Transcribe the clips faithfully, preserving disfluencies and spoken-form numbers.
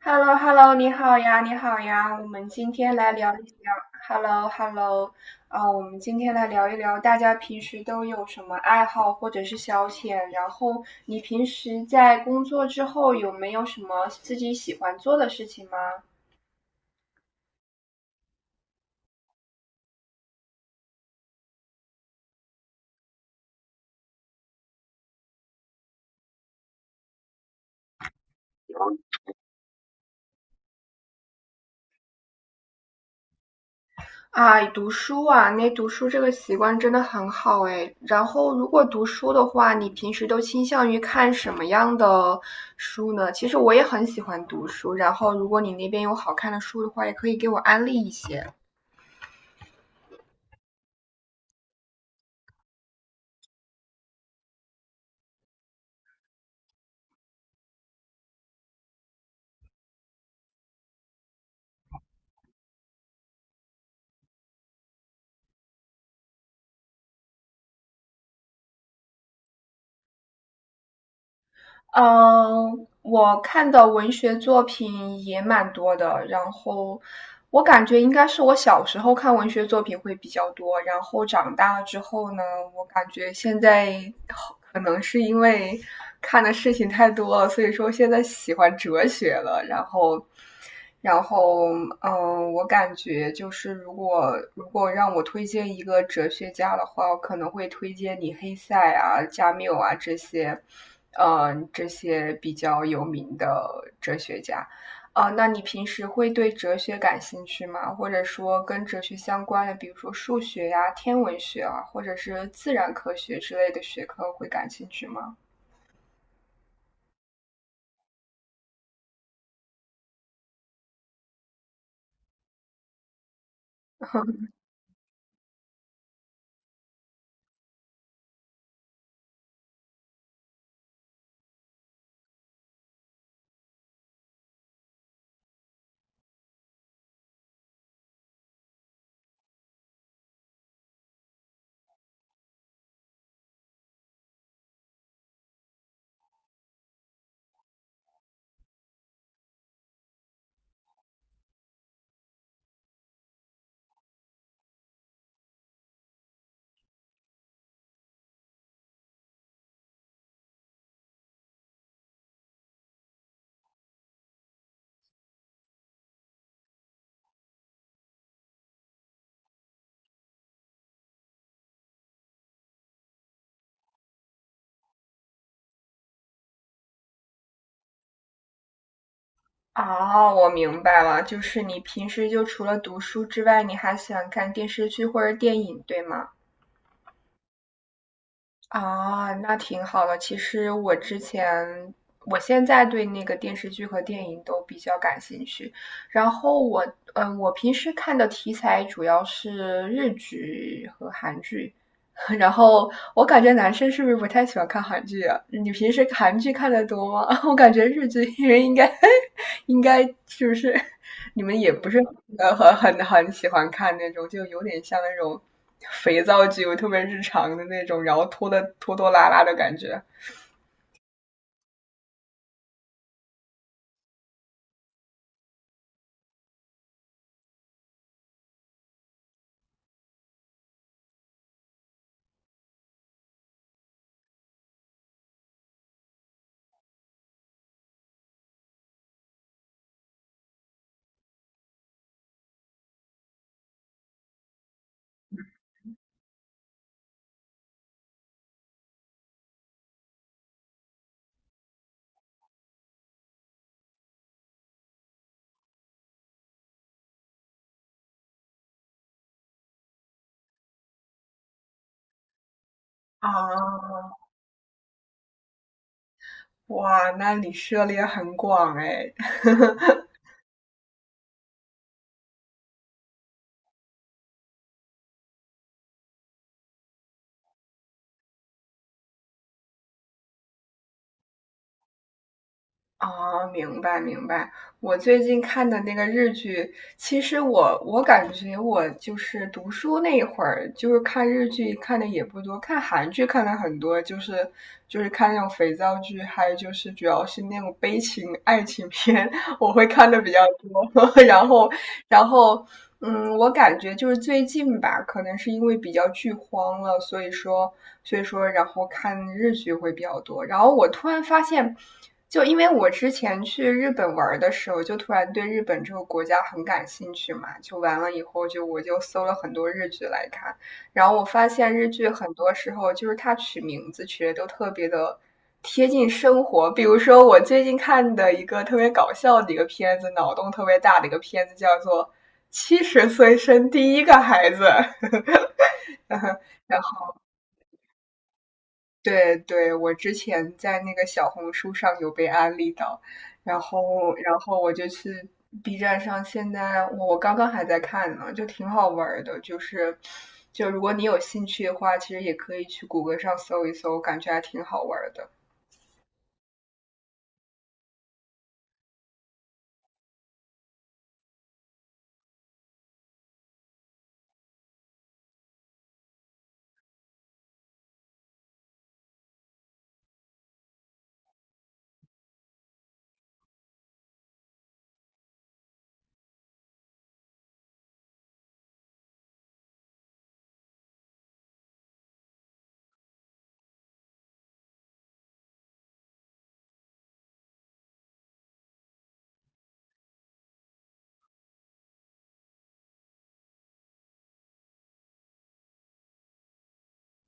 h e l l o h e l l o 你好呀，你好呀，我们今天来聊一聊。 h e l l o h e l l o。 啊，我们今天来聊一聊大家平时都有什么爱好或者是消遣，然后你平时在工作之后有没有什么自己喜欢做的事情吗？哎，读书啊，那读书这个习惯真的很好哎。然后，如果读书的话，你平时都倾向于看什么样的书呢？其实我也很喜欢读书，然后如果你那边有好看的书的话，也可以给我安利一些。嗯，我看的文学作品也蛮多的，然后我感觉应该是我小时候看文学作品会比较多，然后长大了之后呢，我感觉现在可能是因为看的事情太多了，所以说现在喜欢哲学了。然后，然后，嗯，我感觉就是如果如果让我推荐一个哲学家的话，我可能会推荐你黑塞啊、加缪啊这些，嗯，这些比较有名的哲学家。啊，那你平时会对哲学感兴趣吗？或者说跟哲学相关的，比如说数学呀、天文学啊，或者是自然科学之类的学科会感兴趣吗？哦，我明白了，就是你平时就除了读书之外，你还喜欢看电视剧或者电影，对吗？啊，那挺好的。其实我之前，我现在对那个电视剧和电影都比较感兴趣。然后我，嗯，我平时看的题材主要是日剧和韩剧。然后我感觉男生是不是不太喜欢看韩剧啊？你平时韩剧看的多吗？我感觉日剧人应该应该是不是你们也不是呃很很很喜欢看那种，就有点像那种肥皂剧，特别日常的那种，然后拖的拖拖拉拉的感觉啊。哇，那你涉猎很广哎。哦，明白明白。我最近看的那个日剧，其实我我感觉我就是读书那一会儿，就是看日剧看的也不多，看韩剧看的很多，就是就是看那种肥皂剧，还有就是主要是那种悲情爱情片，我会看的比较多。然后，然后，嗯，我感觉就是最近吧，可能是因为比较剧荒了，所以说，所以说，然后看日剧会比较多。然后我突然发现，就因为我之前去日本玩的时候，就突然对日本这个国家很感兴趣嘛，就完了以后就我就搜了很多日剧来看，然后我发现日剧很多时候就是它取名字取的都特别的贴近生活。比如说我最近看的一个特别搞笑的一个片子，脑洞特别大的一个片子，叫做《七十岁生第一个孩子》。然对对，我之前在那个小红书上有被安利到，然后然后我就去 B 站上，现在我我刚刚还在看呢，就挺好玩儿的，就是就如果你有兴趣的话，其实也可以去谷歌上搜一搜，感觉还挺好玩儿的。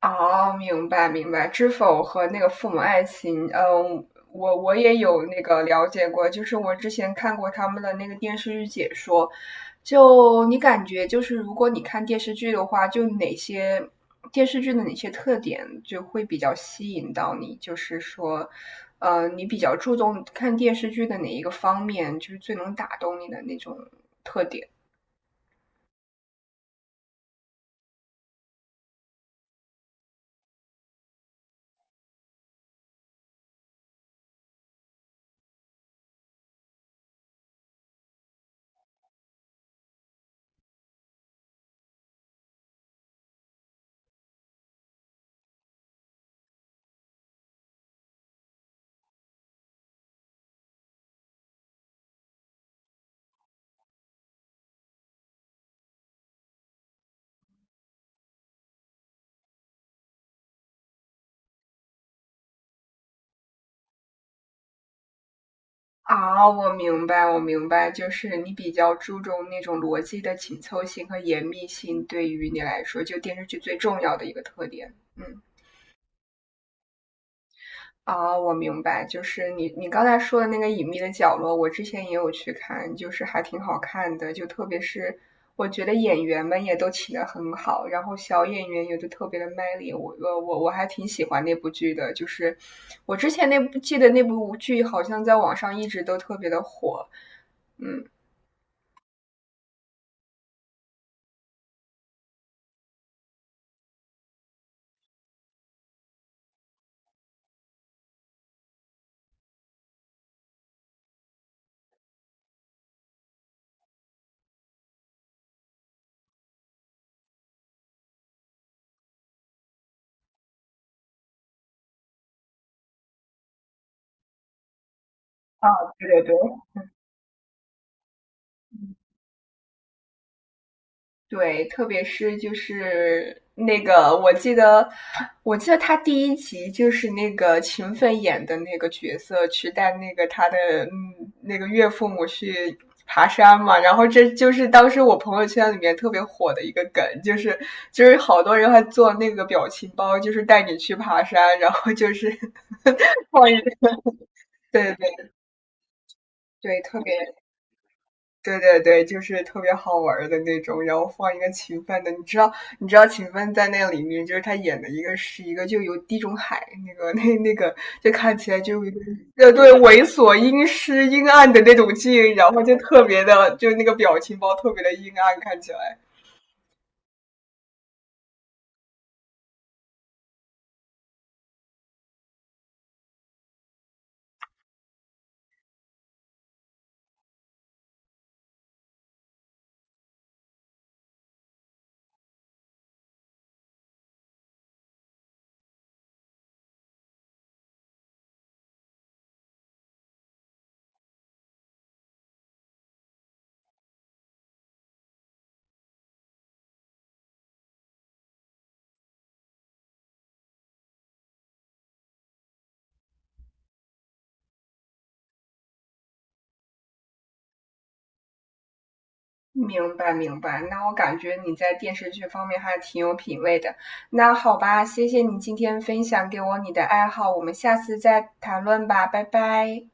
哦，明白明白，知否和那个父母爱情，嗯，我我也有那个了解过，就是我之前看过他们的那个电视剧解说。就你感觉就是如果你看电视剧的话，就哪些电视剧的哪些特点就会比较吸引到你，就是说，呃，你比较注重看电视剧的哪一个方面，就是最能打动你的那种特点。啊，我明白，我明白，就是你比较注重那种逻辑的紧凑性和严密性，对于你来说，就电视剧最重要的一个特点。嗯。啊，我明白，就是你你刚才说的那个《隐秘的角落》，我之前也有去看，就是还挺好看的，就特别是我觉得演员们也都请的很好，然后小演员也都特别的卖力，我我我我还挺喜欢那部剧的，就是我之前那部记得那部剧好像在网上一直都特别的火，嗯。啊，对对对对，特别是就是那个，我记得，我记得他第一集就是那个秦奋演的那个角色去带那个他的嗯那个岳父母去爬山嘛，然后这就是当时我朋友圈里面特别火的一个梗，就是就是好多人还做那个表情包，就是带你去爬山，然后就是 放一对对对，特别。对对对，就是特别好玩儿的那种，然后放一个秦奋的，你知道，你知道秦奋在那里面就是他演的一个是一个就有地中海那个 那那个，就看起来就呃对对猥琐、阴湿、阴暗的那种劲，然后就特别的，就那个表情包特别的阴暗，看起来。明白明白，那我感觉你在电视剧方面还挺有品味的。那好吧，谢谢你今天分享给我你的爱好，我们下次再谈论吧，拜拜。